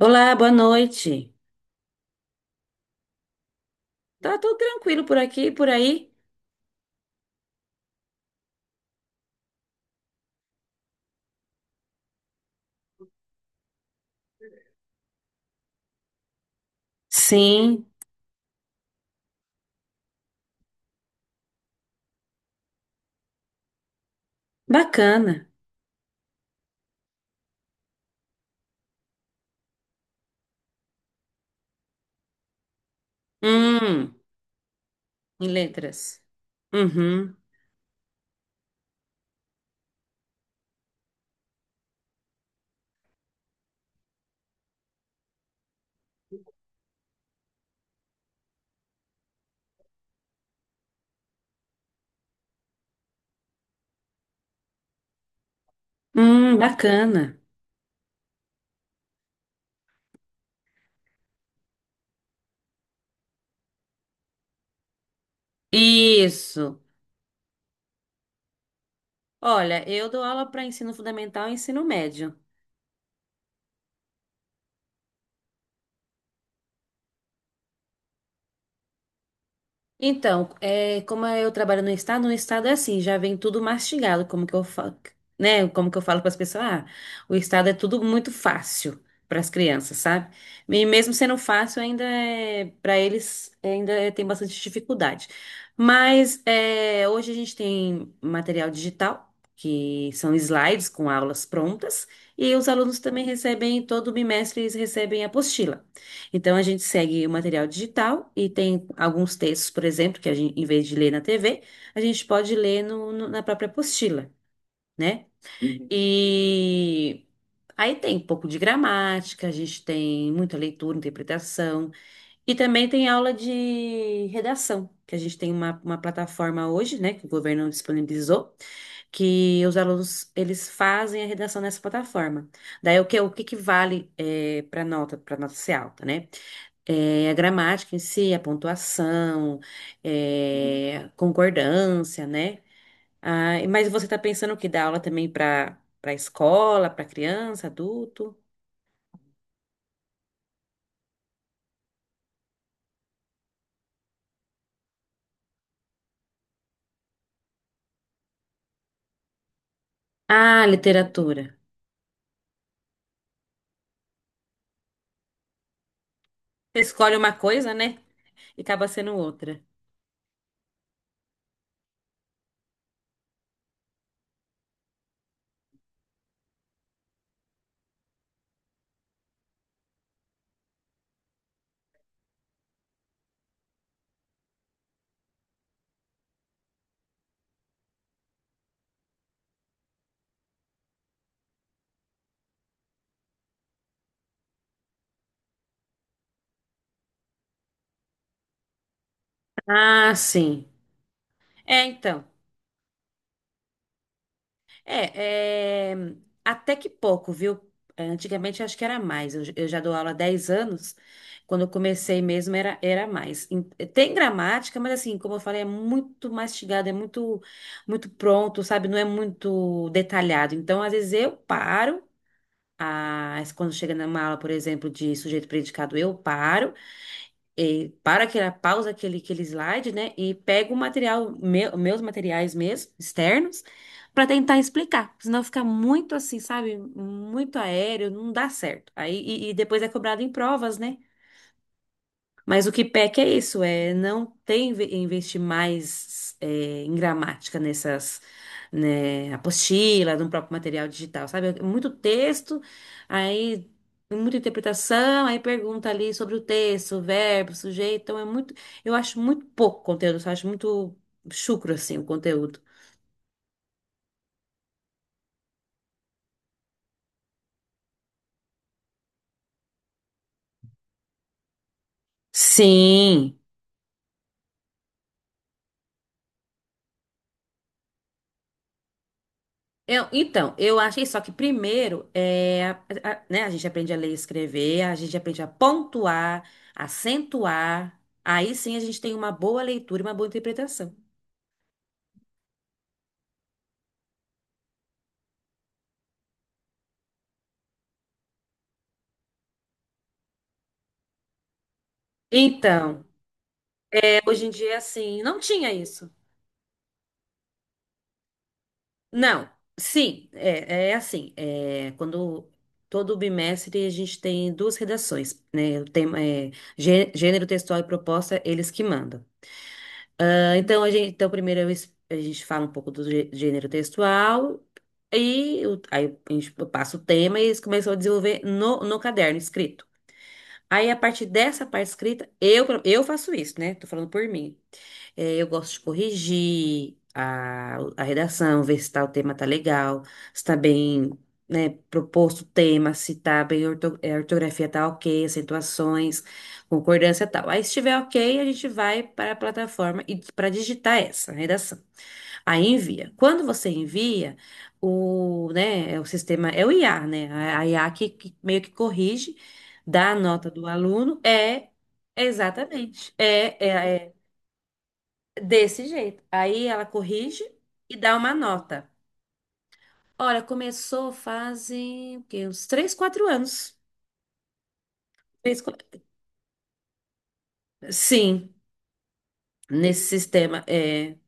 Olá, boa noite. Tá tudo tranquilo por aqui, e por aí? Sim, bacana. Hum. Em letras. Uhum. Bacana. Isso. Olha, eu dou aula para ensino fundamental e ensino médio. Então, como eu trabalho no estado é assim, já vem tudo mastigado, como que eu falo, né? Como que eu falo para as pessoas, ah, o estado é tudo muito fácil para as crianças, sabe? E mesmo sendo fácil, ainda é, para eles tem bastante dificuldade. Mas hoje a gente tem material digital, que são slides com aulas prontas, e os alunos também recebem, todo bimestre eles recebem apostila. Então a gente segue o material digital e tem alguns textos, por exemplo, que a gente, em vez de ler na TV, a gente pode ler na própria apostila, né? Uhum. E aí tem um pouco de gramática, a gente tem muita leitura, interpretação, e também tem aula de redação, que a gente tem uma plataforma hoje, né, que o governo disponibilizou, que os alunos eles fazem a redação nessa plataforma. Daí o que que vale para nota ser alta, né? É, a gramática em si, a pontuação, concordância, né? Ah, mas você está pensando o que dá aula também para escola, para criança, adulto? Ah, literatura. Você escolhe uma coisa, né? E acaba sendo outra. Ah, sim. É, então. É, é, até que pouco, viu? Antigamente eu acho que era mais. Eu já dou aula há 10 anos. Quando eu comecei mesmo era mais. Tem gramática, mas assim, como eu falei, é muito mastigado, é muito, muito pronto, sabe? Não é muito detalhado. Então, às vezes eu paro. Ah, quando chega numa aula, por exemplo, de sujeito predicado, eu paro para aquela pausa aquele slide, né? E pego o material, meus materiais mesmo, externos, para tentar explicar. Senão fica muito assim, sabe? Muito aéreo, não dá certo. Aí, e depois é cobrado em provas, né? Mas o que peca é isso, é não tem investir mais em gramática nessas, né, apostila, no próprio material digital, sabe? É muito texto, aí muita interpretação, aí pergunta ali sobre o texto, o verbo, o sujeito, então é muito, eu acho muito pouco conteúdo, eu acho muito chucro assim o conteúdo. Sim. Então, eu achei só que primeiro, né, a gente aprende a ler e escrever, a gente aprende a pontuar, acentuar, aí sim a gente tem uma boa leitura e uma boa interpretação. Então, hoje em dia, é assim, não tinha isso. Não, sim, é assim, quando todo bimestre a gente tem duas redações, né, o tema é gênero textual e proposta, eles que mandam. Então, a gente, então primeiro eu es- a gente fala um pouco do gênero textual e aí a gente passa o tema e eles começam a desenvolver no caderno escrito. Aí, a partir dessa parte escrita, eu faço isso, né? Tô falando por mim. É, eu gosto de corrigir a redação, ver se tá, o tema tá legal, se tá bem, né, proposto o tema, se tá bem, a ortografia tá ok, acentuações, concordância e tal. Aí, se estiver ok, a gente vai para a plataforma e para digitar essa redação. Aí envia. Quando você envia, o, né, é o sistema, é o IA, né? A IA que meio que corrige, dá a nota do aluno, é. Exatamente. É, desse jeito. Aí ela corrige e dá uma nota. Olha, começou fazem o quê? Uns 3, 4 anos. Três, qua- Sim, nesse sistema. É.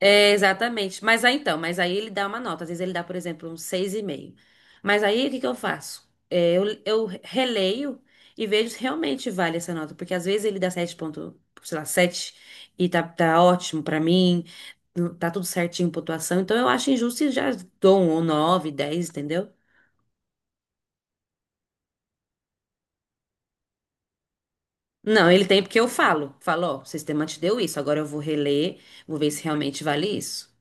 É, exatamente. Mas aí então, mas aí ele dá uma nota. Às vezes ele dá, por exemplo, um seis e meio. Mas aí o que que eu faço? É, eu releio e vejo se realmente vale essa nota. Porque às vezes ele dá 7 ponto, sei lá, 7 e tá ótimo pra mim, tá tudo certinho, pontuação. Então eu acho injusto e já dou um 9 dez, entendeu? Não, ele tem porque eu falo. Falo, ó, o sistema te deu isso, agora eu vou reler, vou ver se realmente vale isso.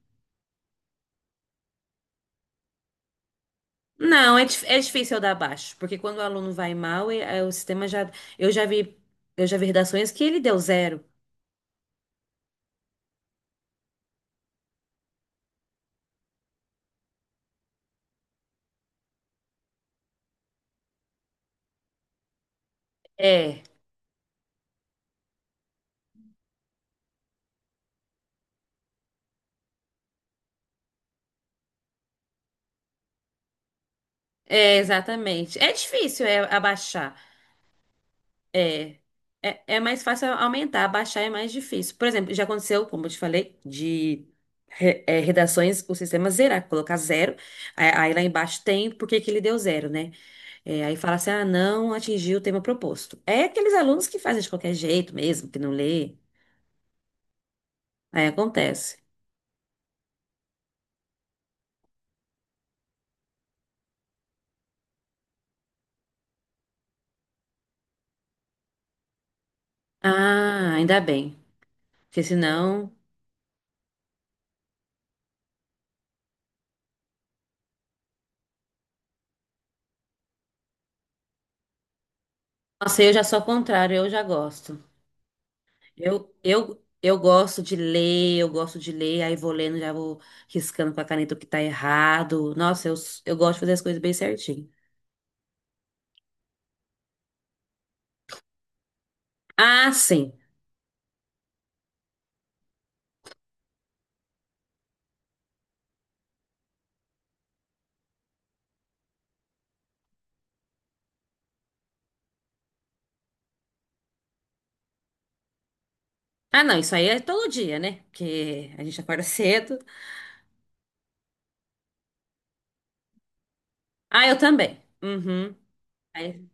Não, é difícil eu dar baixo, porque quando o aluno vai mal, o sistema já. Eu já vi, eu já vi redações que ele deu zero. É, é, exatamente. É difícil abaixar. É, é, mais fácil aumentar, abaixar é mais difícil. Por exemplo, já aconteceu, como eu te falei, de redações, o sistema zerar, colocar zero. Aí, lá embaixo tem por que que ele deu zero, né? É, aí fala assim, ah, não atingiu o tema proposto. É aqueles alunos que fazem de qualquer jeito mesmo, que não lê. Aí acontece. Ah, ainda bem. Porque senão. Nossa, eu já sou ao contrário, eu já gosto. Eu gosto de ler, eu gosto de ler, aí vou lendo, já vou riscando com a caneta o que tá errado. Nossa, eu gosto de fazer as coisas bem certinho. Ah, sim. Ah, não, isso aí é todo dia, né? Porque a gente acorda cedo. Ah, eu também. Uhum. Aí-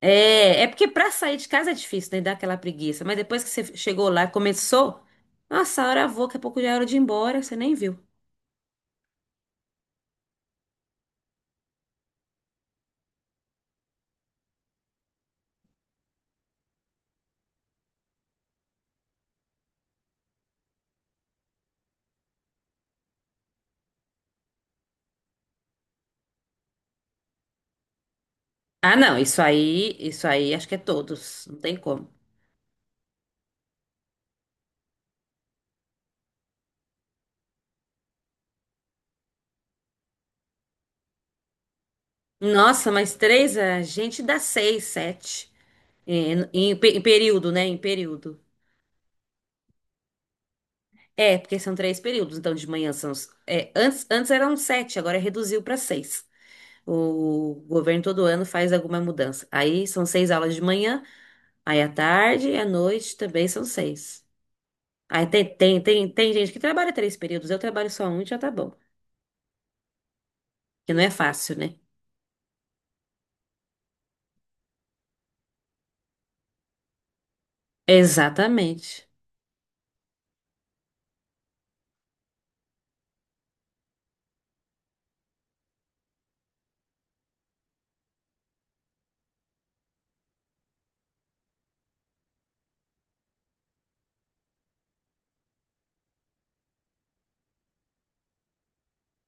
É, porque pra sair de casa é difícil, né? Dá aquela preguiça. Mas depois que você chegou lá, começou. Nossa, a hora voa, daqui a pouco já é hora de ir embora, você nem viu. Ah, não, isso aí acho que é todos, não tem como. Nossa, mas três, a gente dá seis, sete. Em período, né? Em período. É, porque são três períodos, então de manhã são. Antes eram sete, agora reduziu para seis. O governo todo ano faz alguma mudança. Aí são seis aulas de manhã, aí à tarde e à noite também são seis. Aí tem gente que trabalha três períodos, eu trabalho só um e já tá bom. Que não é fácil, né? Exatamente.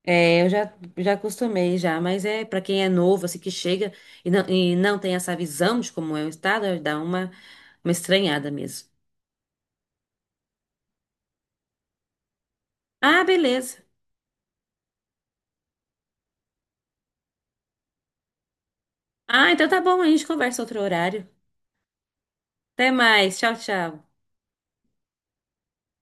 É, eu já acostumei já, mas é para quem é novo, assim, que chega e não tem essa visão de como é o estado, dá uma estranhada mesmo. Ah, beleza. Ah, então tá bom, a gente conversa outro horário. Até mais, tchau, tchau.